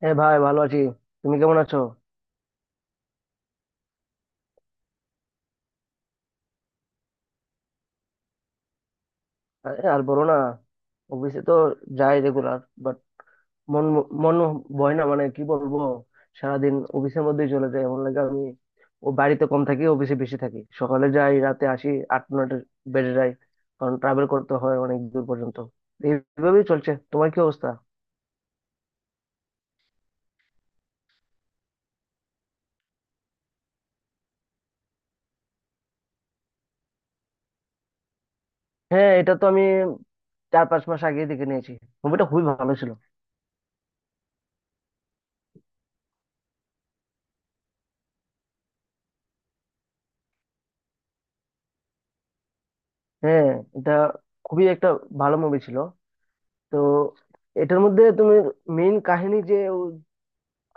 হ্যাঁ ভাই, ভালো আছি। তুমি কেমন আছো? আরে আর বলো না, অফিসে তো যাই রেগুলার, বাট মন মন বয় না, মানে কি বলবো। সারাদিন অফিসের মধ্যেই চলে যায়, এমন লাগে। আমি ও বাড়িতে কম থাকি, অফিসে বেশি থাকি, সকালে যাই রাতে আসি, 8-9টা বেজে যায়, কারণ ট্রাভেল করতে হয় অনেক দূর পর্যন্ত। এইভাবেই চলছে। তোমার কি অবস্থা? হ্যাঁ, এটা তো আমি 4-5 মাস আগে দেখে নিয়েছি, মুভিটা খুবই ভালো ছিল। হ্যাঁ, এটা খুবই একটা ভালো মুভি ছিল। তো এটার মধ্যে তুমি, মেইন কাহিনী যে ও,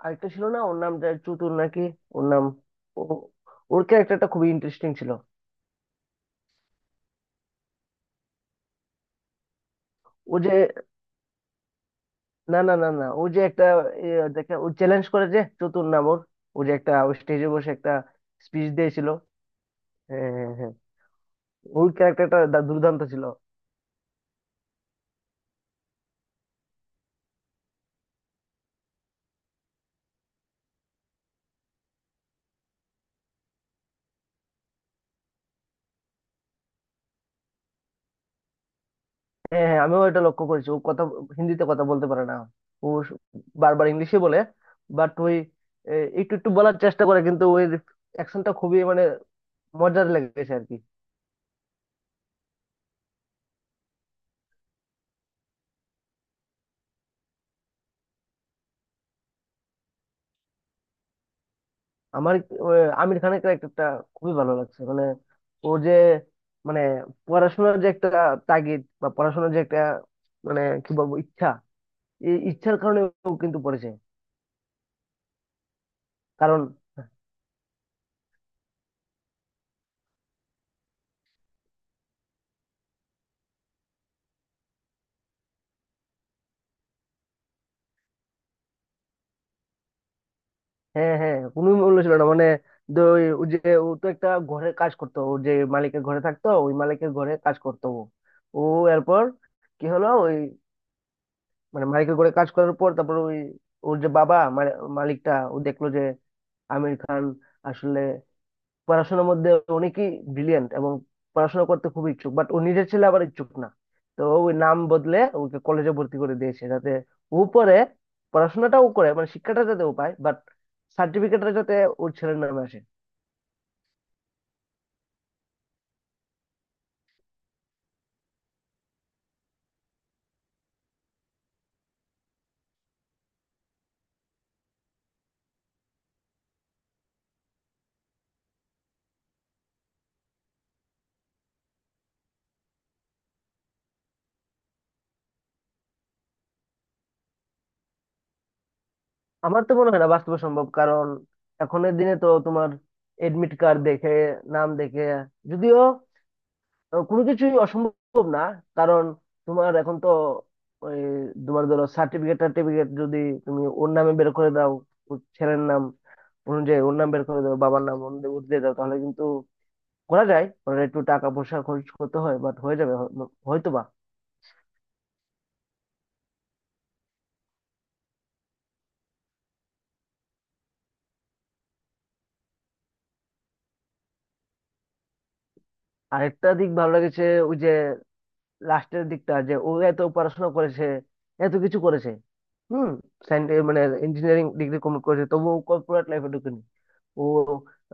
আরেকটা ছিল না ওর নাম চতুর নাকি ওর নাম, ও, ওর ক্যারেক্টারটা খুবই ইন্টারেস্টিং ছিল। ও যে, না না না না, ও যে একটা এ, দেখে ও চ্যালেঞ্জ করে, যে চতুর নাম ওর, ও যে একটা স্টেজে বসে একটা স্পিচ দিয়েছিল। হ্যাঁ হ্যাঁ হ্যাঁ, ওর ক্যারেক্টারটা দুর্দান্ত ছিল। হ্যাঁ হ্যাঁ, আমিও এটা লক্ষ্য করেছি, ও কথা হিন্দিতে কথা বলতে পারে না, ও স- বারবার ইংলিশে বলে। বাট ওই এ, একটু একটু বলার চেষ্টা করে, কিন্তু ওই অ্যাকশনটা খুবই মানে মজার লেগেছে আর কি। আমার ও, আমির খানের ক্যারেক্টারটা খুবই ভালো লাগছে, মানে ও যে মানে পড়াশোনার যে একটা তাগিদ, বা পড়াশোনার যে একটা মানে কি বলবো ইচ্ছা, এই ইচ্ছার কারণে ও কিন্তু পড়েছে। কারণ হ্যাঁ হ্যাঁ, কোনো মূল্য ছিল না, মানে ও যে ও তো একটা ঘরে কাজ করতো, ও যে মালিকের ঘরে থাকতো, ওই মালিকের ঘরে কাজ করতো ও। ও এরপর কি হলো, ওই মানে মালিকের ঘরে কাজ করার পর তারপর ওই ওর যে বাবা মানে মালিকটা ও দেখলো যে আমির খান আসলে পড়াশোনার মধ্যে অনেকই ব্রিলিয়েন্ট এবং পড়াশোনা করতে খুব ইচ্ছুক, বাট ও নিজের ছেলে আবার ইচ্ছুক না। তো ও ওই নাম বদলে ওকে কলেজে ভর্তি করে দিয়েছে, যাতে ও পরে পড়াশোনাটাও করে, মানে শিক্ষাটা যাতে ও পায়, বাট সার্টিফিকেটটা যাতে ওর ছেলের নামে আসে। আমার তো মনে হয় না বাস্তবে সম্ভব, কারণ এখনের দিনে তো তোমার এডমিট কার্ড দেখে, নাম দেখে, যদিও কোনো কিছুই অসম্ভব না। কারণ তোমার এখন তো ওই তোমার ধরো সার্টিফিকেট টার্টিফিকেট যদি তুমি ওর নামে বের করে দাও, ওর ছেলের নাম অনুযায়ী ওর নাম বের করে দাও, বাবার নাম অনুযায়ী ওর দিয়ে দাও, তাহলে কিন্তু করা যায়, ওরা একটু টাকা পয়সা খরচ করতে হয়, বাট হয়ে যাবে। হয়তো বা। আরেকটা দিক ভালো লেগেছে, ওই যে লাস্টের দিকটা যে ও এত পড়াশোনা করেছে, এত কিছু করেছে, হুম, সায়েন্স মানে ইঞ্জিনিয়ারিং ডিগ্রি কমপ্লিট করেছে, তবুও কর্পোরেট লাইফে ঢুকেনি। ও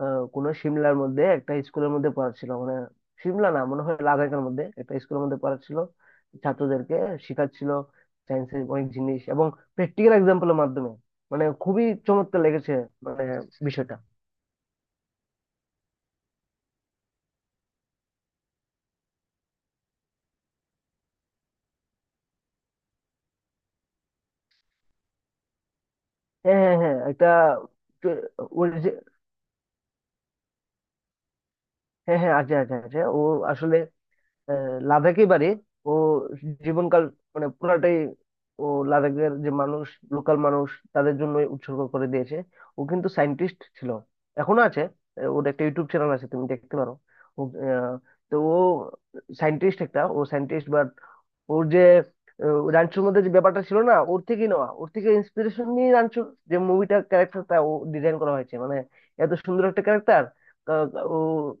কোনো সিমলার মধ্যে একটা স্কুলের মধ্যে পড়াচ্ছিল, মানে সিমলা না মনে হয়, লাদাখের মধ্যে একটা স্কুলের মধ্যে পড়াচ্ছিল, ছাত্রদেরকে শেখাচ্ছিল সায়েন্সের অনেক জিনিস এবং প্র্যাকটিক্যাল এক্সাম্পলের মাধ্যমে। মানে খুবই চমৎকার লেগেছে মানে বিষয়টা। হ্যাঁ হ্যাঁ হ্যাঁ, একটা ওর যে- হ্যাঁ হ্যাঁ, আছে আছে আছে, ও আসলে লাদাখই বাড়ি। ও জীবনকাল মানে পুরাটাই ও লাদাখের যে মানুষ, লোকাল মানুষ, তাদের জন্য উৎসর্গ করে দিয়েছে। ও কিন্তু সায়েন্টিস্ট ছিল, এখনো আছে। ওর একটা ইউটিউব চ্যানেল আছে, তুমি দেখতে পারো। ও, আহ, তো ও সায়েন্টিস্ট একটা, ও সায়েন্টিস্ট বা ওর যে রাঞ্চুর মধ্যে যে ব্যাপারটা ছিল না, ওর থেকে নেওয়া, ওর থেকে ইন্সপিরেশন নিয়ে রাঞ্চুর যে মুভিটা ক্যারেক্টারটা ও ডিজাইন করা হয়েছে, মানে এত সুন্দর একটা ক্যারেক্টার। ও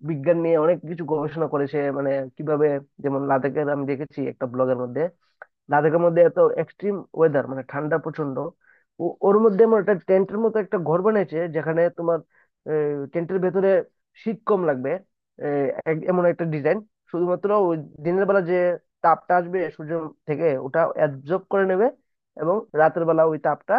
বিজ্ঞান নিয়ে অনেক কিছু গবেষণা করেছে, মানে কিভাবে, যেমন লাদাখের আমি দেখেছি একটা ব্লগের মধ্যে, লাদাখের মধ্যে এত এক্সট্রিম ওয়েদার, মানে ঠান্ডা প্রচন্ড, ওর মধ্যে আমার একটা টেন্টের মতো একটা ঘর বানিয়েছে, যেখানে তোমার টেন্টের ভেতরে শীত কম লাগবে। এমন একটা ডিজাইন, শুধুমাত্র ওই দিনের বেলা যে তাপটা আসবে সূর্য থেকে, ওটা অ্যাবজর্ব করে নেবে এবং রাতের বেলা ওই তাপটা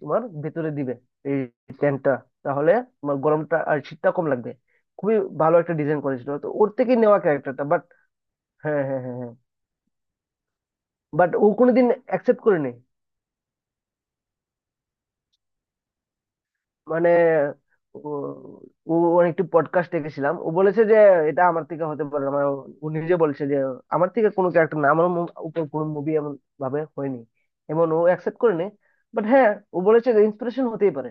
তোমার ভেতরে দিবে এই টেন্টটা, তাহলে তোমার গরমটা আর শীতটা কম লাগবে। খুবই ভালো একটা ডিজাইন করেছিল, তো ওর থেকেই নেওয়া ক্যারেক্টারটা। বাট হ্যাঁ হ্যাঁ হ্যাঁ হ্যাঁ, বাট ও কোনোদিন অ্যাকসেপ্ট করেনি। মানে ও ও ওর একটি পডকাস্ট দেখেছিলাম, ও বলেছে যে এটা আমার থেকে হতে পারে না। মানে ও, ও নিজে বলছে যে আমার থেকে কোনো ক্যারেক্টার না, আমার উপর কোনো মুভি এমন ভাবে হয়নি, এমন ও অ্যাকসেপ্ট করেনি। বাট হ্যাঁ, ও বলেছে যে ইন্সপিরেশন হতেই পারে।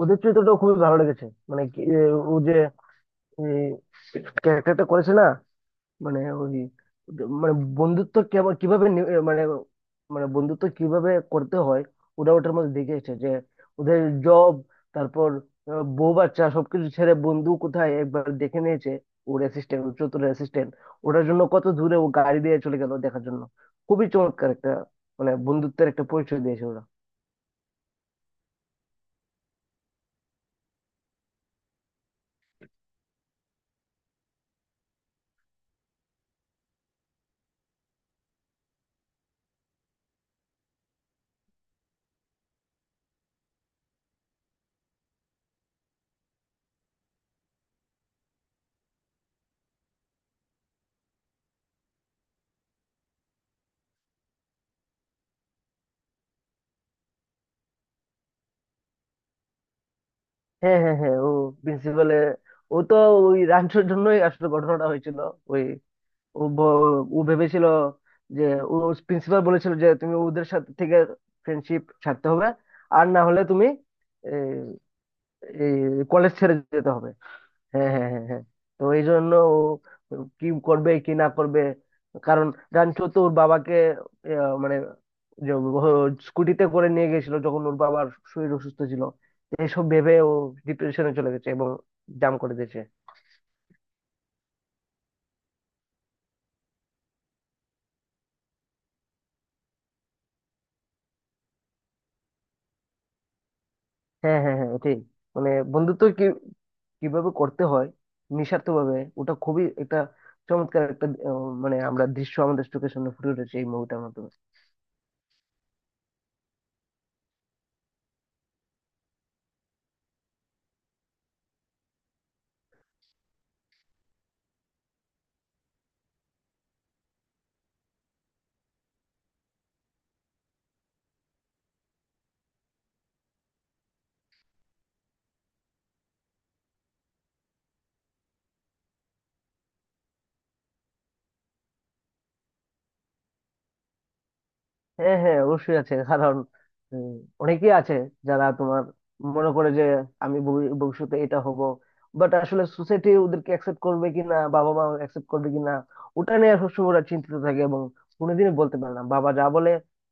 ওদের চরিত্রটা খুবই ভালো লেগেছে, মানে ও যে ক্যারেক্টারটা করেছে না, মানে ওই মানে বন্ধুত্ব কেমন, মানে মানে বন্ধুত্ব কিভাবে করতে হয়, ওরা ওটার মধ্যে দেখে এসেছে। যে ওদের জব তারপর বউ বাচ্চা সবকিছু ছেড়ে বন্ধু কোথায় একবার দেখে নিয়েছে, ওর অ্যাসিস্ট্যান্ট, ওর চতুর অ্যাসিস্ট্যান্ট, ওটার জন্য কত দূরে ও গাড়ি দিয়ে চলে গেল দেখার জন্য। খুবই চমৎকার একটা মানে বন্ধুত্বের একটা পরিচয় দিয়েছে ওরা। হ্যাঁ হ্যাঁ হ্যাঁ, ও প্রিন্সিপালে, ও তো ওই রাঞ্চোর জন্যই আসলে ঘটনাটা হয়েছিল। ওই ও ব- ও ভেবেছিল যে ও প্রিন্সিপাল বলেছিল যে তুমি ওদের সাথে থেকে ফ্রেন্ডশিপ ছাড়তে হবে, আর না হলে তুমি কলেজ ছেড়ে যেতে হবে। হ্যাঁ হ্যাঁ হ্যাঁ হ্যাঁ, তো এই জন্য ও কি করবে কি না করবে, কারণ রানচো তো ওর বাবাকে মানে যে স্কুটিতে করে নিয়ে গেছিল যখন ওর বাবার শরীর অসুস্থ ছিল। এইসব ভেবে ও ডিপ্রেশনে চলে গেছে এবং জাম করে দিয়েছে। হ্যাঁ হ্যাঁ হ্যাঁ, এটাই, মানে বন্ধুত্ব কি, কিভাবে করতে হয় নিঃস্বার্থ ভাবে, ওটা খুবই একটা চমৎকার একটা মানে আমরা দৃশ্য আমাদের চোখের সামনে ফুটে উঠেছে এই মুভিটার মাধ্যমে। হ্যাঁ হ্যাঁ, অবশ্যই আছে। কারণ উম, অনেকেই আছে যারা তোমার মনে করে যে আমি ভবিষ্যতে এটা হব, বাট আসলে সোসাইটি ওদেরকে অ্যাকসেপ্ট করবে কিনা, বাবা মা অ্যাকসেপ্ট করবে কিনা, ওটা নিয়ে সবসময় ওরা চিন্তিত থাকে এবং কোনোদিনই বলতে পারে না। বাবা যা বলে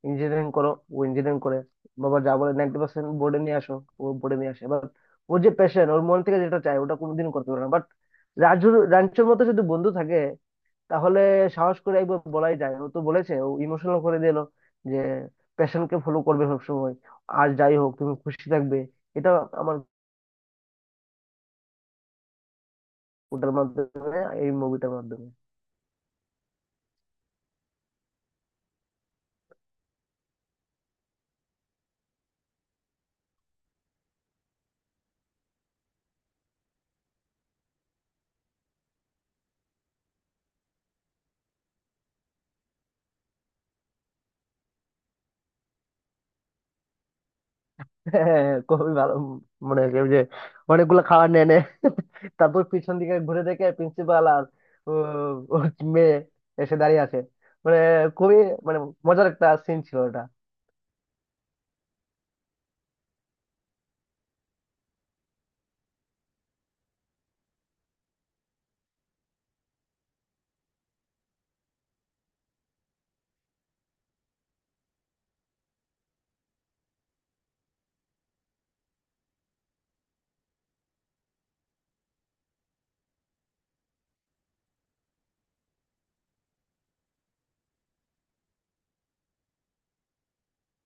ইঞ্জিনিয়ারিং করো, ও ইঞ্জিনিয়ারিং করে। বাবা যা বলে 90% বোর্ডে নিয়ে আসো, ও বোর্ডে নিয়ে আসে, বাট ওর যে প্যাশন, ওর মন থেকে যেটা চায় ওটা কোনোদিন করতে পারে না। বাট রাজুর রাঞ্চোর মতো যদি বন্ধু থাকে, তাহলে সাহস করে একবার বলাই যায়। ও তো বলেছে, ও ইমোশনাল করে দিল যে প্যাশনকে ফলো করবে সবসময়, আর যাই হোক তুমি খুশি থাকবে। এটা আমার ওটার মাধ্যমে এই মুভিটার মাধ্যমে। হ্যাঁ, খুবই ভালো মনে হয়েছে, ওই যে অনেকগুলো খাবার নিয়ে নে, তারপর পিছন দিকে ঘুরে দেখে প্রিন্সিপাল আর আহ, ওর মেয়ে এসে দাঁড়িয়ে আছে। মানে খুবই মানে মজার একটা সিন ছিল ওটা।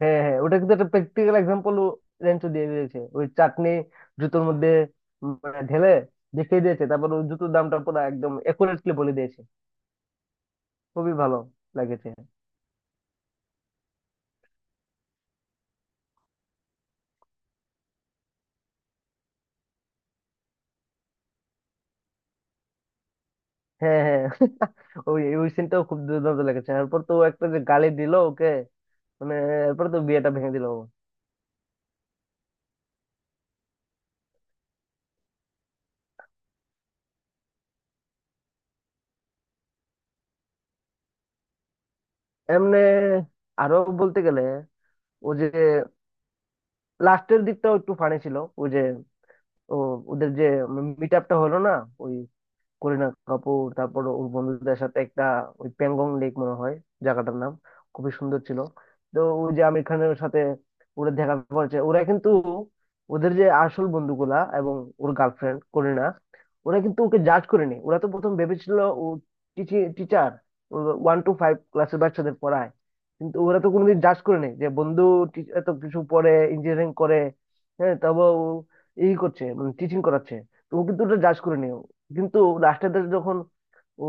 হ্যাঁ হ্যাঁ, ওটা কিন্তু একটা প্র্যাকটিক্যাল এক্সাম্পল, রেঞ্চো দিয়ে দিয়েছে ওই চাটনি জুতোর মধ্যে, উম, মানে ঢেলে দেখিয়ে দিয়েছে, তারপর ওই জুতোর দামটা পুরো একদম একুরেটলি বলে দিয়েছে। খুবই ভালো লাগেছে। হ্যাঁ হ্যাঁ, ওই ওই সিনটাও খুব দুর্দান্ত লেগেছে। এরপর তো ও একটা যে গালি দিল ওকে, মানে এরপর তো বিয়েটা ভেঙে দিল ও। এমনে আরো বলতে গেলে, ও যে লাস্টের দিকটাও একটু ফানি ছিল, ও যে ও ওদের যে মিট আপটা হলো না, ওই করিনা কাপুর তারপর ওর বন্ধুদের সাথে একটা ওই প্যাংগং লেক মনে হয় জায়গাটার নাম, খুবই সুন্দর ছিল। তো ওই যে আমির খানের সাথে ওরা দেখা করেছে, ওরা কিন্তু ওদের যে আসল বন্ধুগুলা এবং ওর গার্লফ্রেন্ড করিনা, ওরা কিন্তু ওকে জাজ করেনি। ওরা তো প্রথম ভেবেছিল ও টিচার, 1 টু 5 ক্লাসের বাচ্চাদের পড়ায়, কিন্তু ওরা তো কোনোদিন জাজ করেনি যে বন্ধু এত কিছু পড়ে ইঞ্জিনিয়ারিং করে, হ্যাঁ তারপর ও এই করছে মানে টিচিং করাচ্ছে, তো ও কিন্তু ওটা জাজ করেনি। কিন্তু লাস্টের দিকে যখন ও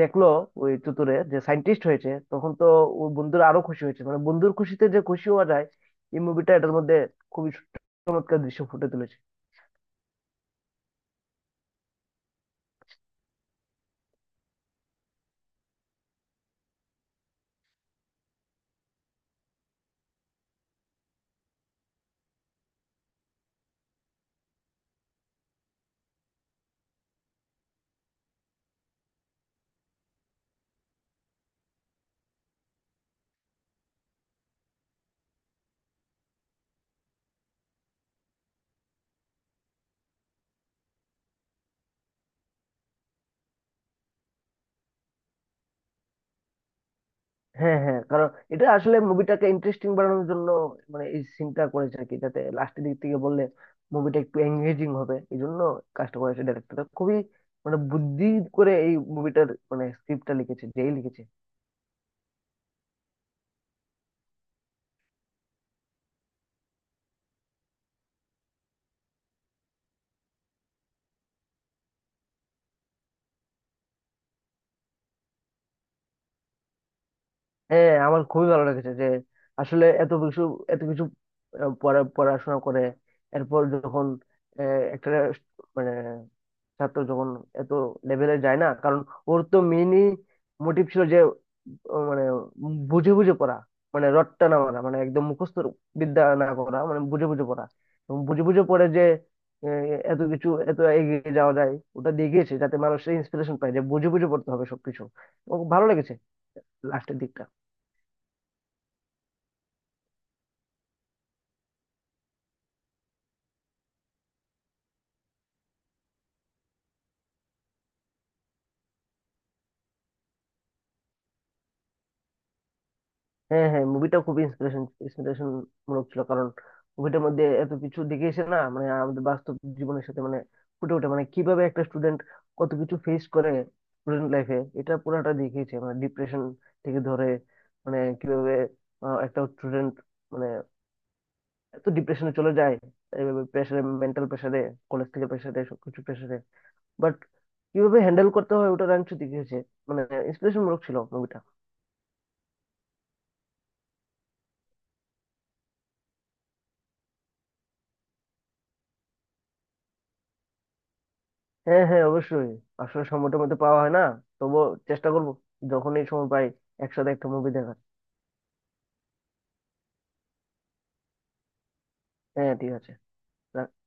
দেখলো ওই চতুরে যে সায়েন্টিস্ট হয়েছে, তখন তো ও বন্ধুরা আরো খুশি হয়েছে, মানে বন্ধুর খুশিতে যে খুশি হওয়া যায় এই মুভিটা এটার মধ্যে খুবই চমৎকার দৃশ্য ফুটে তুলেছে। হ্যাঁ হ্যাঁ, কারণ এটা আসলে মুভিটাকে ইন্টারেস্টিং বানানোর জন্য, মানে এই সিনটা করেছে আর কি, যাতে লাস্টের দিক থেকে বললে মুভিটা একটু এঙ্গেজিং হবে। এই জন্য কাজটা করেছে ডাইরেক্টরটা খুবই মানে বুদ্ধি করে এই মুভিটার মানে স্ক্রিপ্টটা লিখেছে, যেই লিখেছে। হ্যাঁ হ্যাঁ, আমার খুবই ভালো লেগেছে যে আসলে এত কিছু, এত কিছু পড়াশোনা করে, এরপর যখন একটা মানে ছাত্র যখন এত লেভেলে যায় না, কারণ ওর তো মেইনই মোটিভ ছিল যে ও মানে বুঝে বুঝে পড়া, মানে রটটা না মারা, মানে একদম মুখস্থ বিদ্যা না করা, মানে বুঝে বুঝে পড়া, এবং বুঝে বুঝে পড়ে যে আহ, এত কিছু এত এগিয়ে যাওয়া যায়। ওটা দেখিয়েছে যাতে মানুষের ইন্সপিরেশন পায় যে বুঝে বুঝে পড়তে হবে সবকিছু। ও ভালো লেগেছে লাস্টের দিকটা। হ্যাঁ হ্যাঁ, মুভিটা খুব ইন্সপিরেশন ইন্সপিরেশন মূলক ছিল, কারণ মুভিটার মধ্যে এত কিছু দেখে এসে না, মানে আমাদের বাস্তব জীবনের সাথে মানে ফুটে ওঠে মানে কিভাবে একটা স্টুডেন্ট কত কিছু ফেস করে স্টুডেন্ট লাইফে, এটা পুরাটা দেখিয়েছে। মানে ডিপ্রেশন থেকে ধরে, মানে কিভাবে একটা স্টুডেন্ট মানে এত ডিপ্রেশনে চলে যায়, এইভাবে প্রেশারে, মেন্টাল প্রেশারে, কলেজ থেকে প্রেশারে, সবকিছু প্রেশারে, বাট কিভাবে হ্যান্ডেল করতে হয় ওটা রাঞ্চু দেখিয়েছে, মানে ইন্সপিরেশন মূলক ছিল মুভিটা। হ্যাঁ হ্যাঁ অবশ্যই, আসলে সময়টার মধ্যে পাওয়া হয় না, তবুও চেষ্টা করবো যখনই সময় পাই একসাথে একটা মুভি দেখার। হ্যাঁ ঠিক আছে, রাখ।